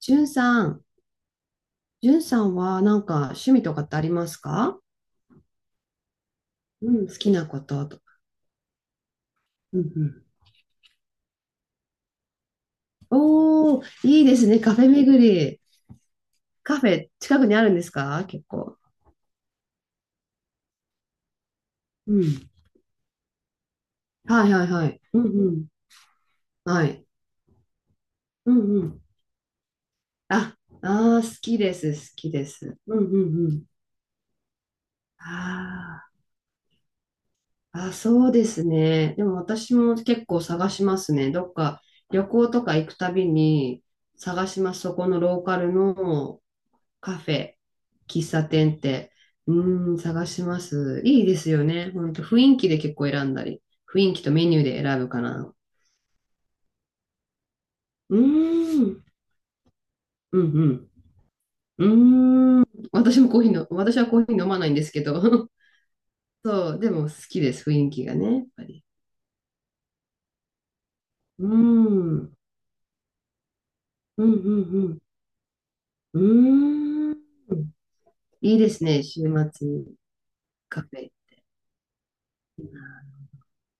じゅんさん、じゅんさんはなんか趣味とかってありますか？うん、好きなこととか。うんうん。おー、いいですね、カフェ巡り。カフェ、近くにあるんですか、結構？うん。はいはいはい。うんうん。はい。うんうん。あ、あー、好きです、好きです。うんうんうん。あー、あ、そうですね。でも私も結構探しますね。どっか旅行とか行くたびに探します。そこのローカルのカフェ、喫茶店って、探します。いいですよね。ほんと、雰囲気で結構選んだり、雰囲気とメニューで選ぶかな。うーん、うん、うん。うーん、私はコーヒー飲まないんですけど、そう、でも好きです、雰囲気がね、やっぱり。うーん、うん、うん、うん。うーん、いいですね、週末カフェ。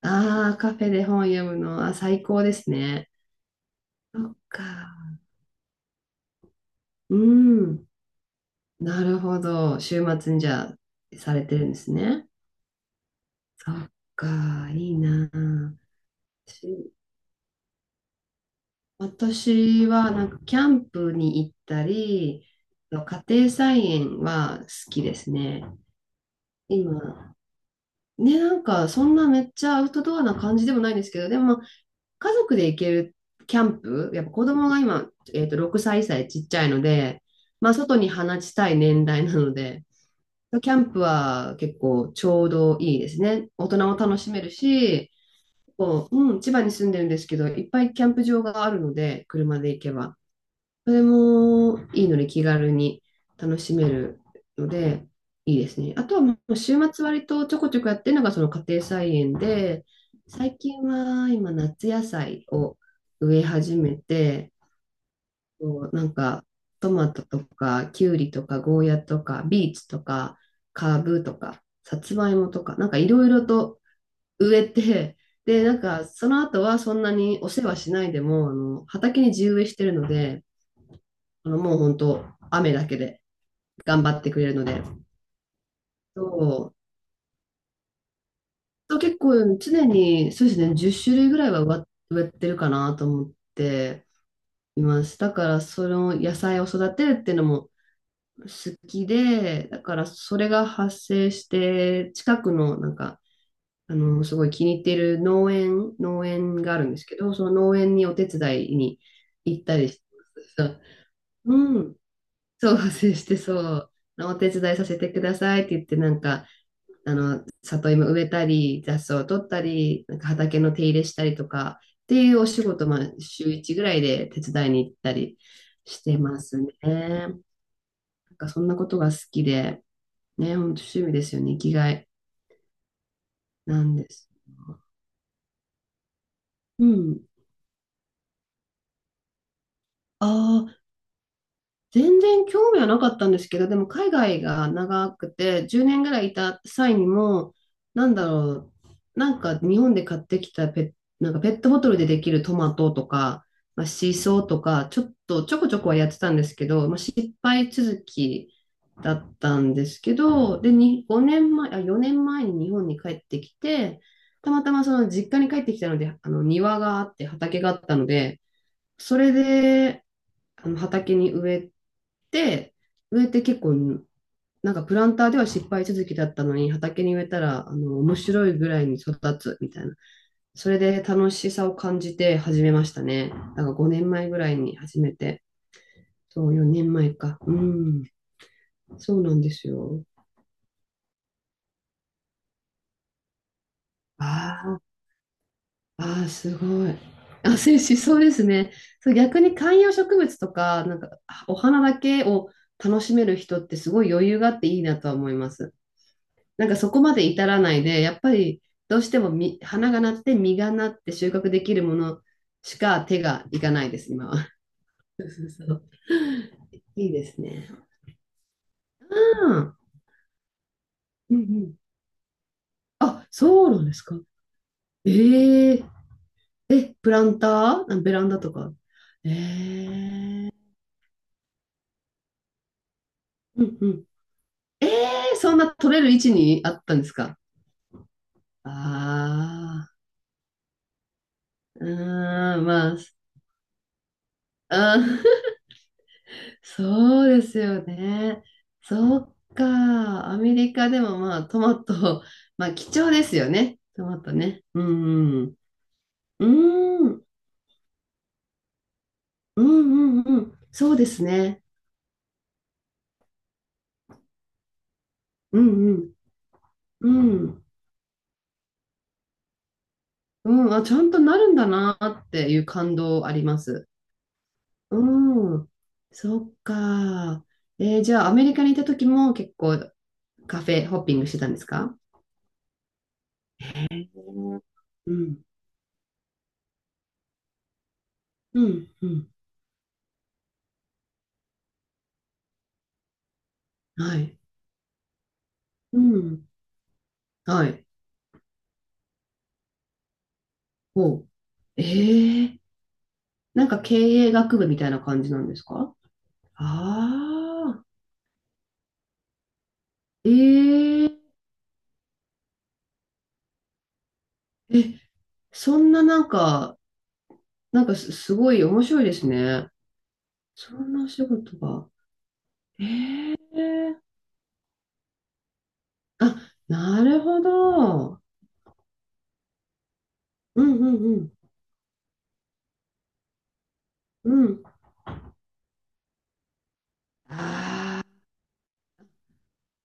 ああ、カフェで本読むのは最高ですね。そっか。うん。なるほど。週末にじゃあ、されてるんですね。そっか、いいなあ。し私は、なんか、キャンプに行ったり、家庭菜園は好きですね。今、ね、なんか、そんなめっちゃアウトドアな感じでもないんですけど、でも、まあ家族で行けるキャンプ、やっぱ子供が今、6歳、歳ちっちゃいので、まあ、外に放ちたい年代なので、キャンプは結構ちょうどいいですね。大人も楽しめるし、こう、うん、千葉に住んでるんですけど、いっぱいキャンプ場があるので、車で行けば。それもいいので気軽に楽しめるので、いいですね。あとはもう週末割とちょこちょこやってるのがその家庭菜園で、最近は今夏野菜を植え始めて、そうなんか、トマトとか、キュウリとか、ゴーヤとか、ビーツとか、カブとか、さつまいもとか、なんかいろいろと植えて、で、なんか、その後はそんなにお世話しないでも、あの、畑に地植えしてるので、あの、もう本当雨だけで頑張ってくれるので、そう、と結構常に、そうですね、10種類ぐらいは植えてるかなと思っています。だから、その野菜を育てるっていうのも、好きで、だからそれが発生して、近くのなんか、あの、すごい気に入っている農園があるんですけど、その農園にお手伝いに行ったりしてます、うん、そう、発生してそう、お手伝いさせてくださいって言って、なんか、あの、里芋植えたり、雑草を取ったり、なんか畑の手入れしたりとか、っていうお仕事、まあ、週1ぐらいで手伝いに行ったりしてますね。なんかそんなことが好きで、ね、本当趣味ですよね、生きがいなんです。うん。ああ全然興味はなかったんですけど、でも海外が長くて、10年ぐらいいた際にも、なんだろう、なんか日本で買ってきたなんかペットボトルでできるトマトとか、まあ、シソとか、ちょっとちょこちょこはやってたんですけど、まあ、失敗続きだったんですけど、で、に5年前、あ、4年前に日本に帰ってきて、たまたまその実家に帰ってきたので、あの庭があって畑があったので、それで、あの畑にて、植えて結構、なんかプランターでは失敗続きだったのに、畑に植えたら、あの、面白いぐらいに育つみたいな。それで楽しさを感じて始めましたね。だから5年前ぐらいに始めて、そう、4年前か。うん、そうなんですよ。あーあー、すごい。あ、そうですね。そう、逆に観葉植物とか、なんか、お花だけを楽しめる人ってすごい余裕があっていいなとは思います。なんかそこまで至らないで、やっぱりどうしても花がなって実がなって収穫できるものしか手がいかないです、今は。そうそうそう。いいですね。うん。うんうん。あ、そうなんですか。えええ、プランターベランダとか。ええうんうん。ええそんな取れる位置にあったんですか？ああー、うーん、まあ、あーそうですよね。そっか。アメリカでもまあトマト、まあ貴重ですよね。トマトね。うん。うん。うーんうんうん。うんそうですね。うんうん。うん。うん。あ、ちゃんとなるんだなっていう感動あります。うん。そっか。じゃあアメリカにいた時も結構カフェホッピングしてたんですか？うん。うん。うん。はい。うん。はい。おう。ええなんか経営学部みたいな感じなんですか？ああー、えええ、そんななんか、なんかすごい面白いですね。そんなお仕事が。ええあ、なるほど。うんうんうん。うん。ああ。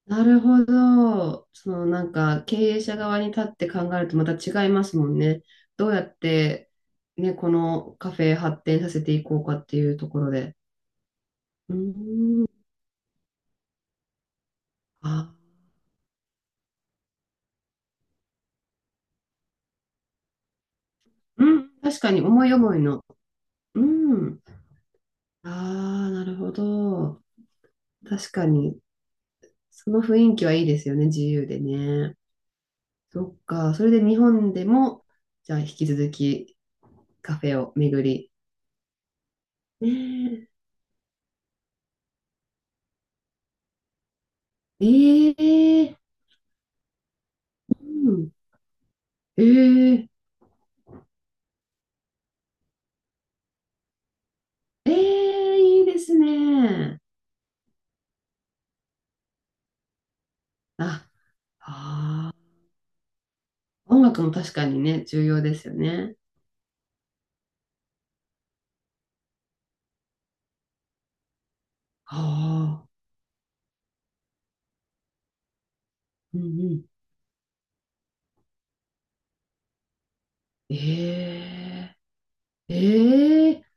なるほど。そのなんか経営者側に立って考えるとまた違いますもんね。どうやって、ね、このカフェ発展させていこうかっていうところで。うーん。あ、うん。確かに思い思いの。うん。ああ、なるほど。確かに。その雰囲気はいいですよね。自由でね。そっか。それで日本でも、じゃあ引き続きカフェを巡り。ねえ。ええうん。ええええいいですね。あ、ああ音楽も確かにね、重要ですよね。ああ、うんうん。ええええ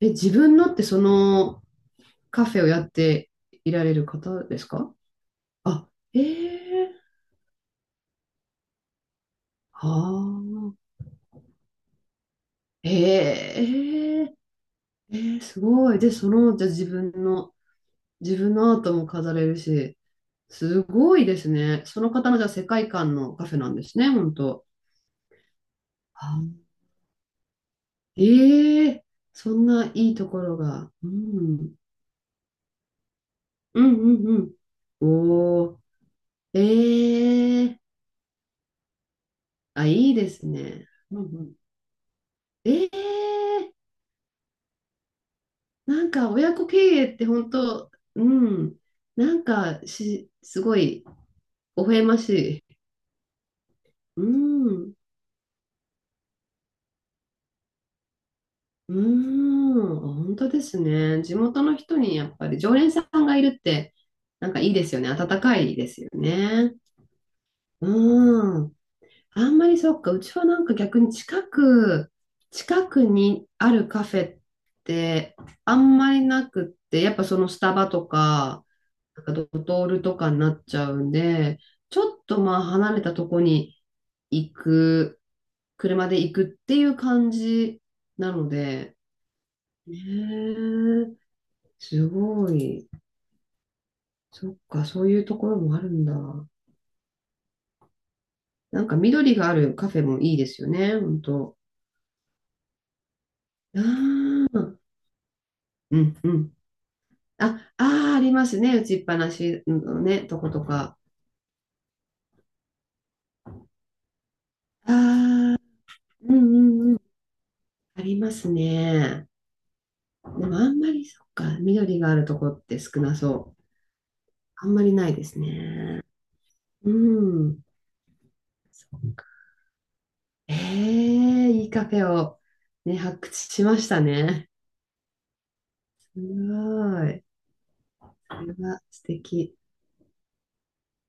え、自分のってそのカフェをやっていられる方ですか？あ、ええああ、ええええええすごい。で、その、じゃあ自分のアートも飾れるし、すごいですね。その方のじゃあ世界観のカフェなんですね、本当。はええそんないいところが。うん。うんうんうん。おー。ええあ、いいですね。うんうん。ええなんか親子経営って本当、うん。なんかすごい、微笑ましい。うん。うーん、本当ですね。地元の人にやっぱり常連さんがいるって、なんかいいですよね。温かいですよね。うーん。あんまりそっか、うちはなんか逆に近くにあるカフェってあんまりなくって、やっぱそのスタバとか、なんかドトールとかになっちゃうんで、ちょっとまあ離れたとこに行く、車で行くっていう感じなので、ねえすごい。そっか、そういうところもあるんだ。なんか緑があるカフェもいいですよね、本当。ああ、うんうん。あ、ああ、ありますね。打ちっぱなしのね、とことか。ああ、うんうんうん。ありますね。でもあんまり、そっか、緑があるとこって少なそう。あんまりないですね。うん。そっか。ええ、いいカフェをね、発掘しましたね。すごい。それは素敵。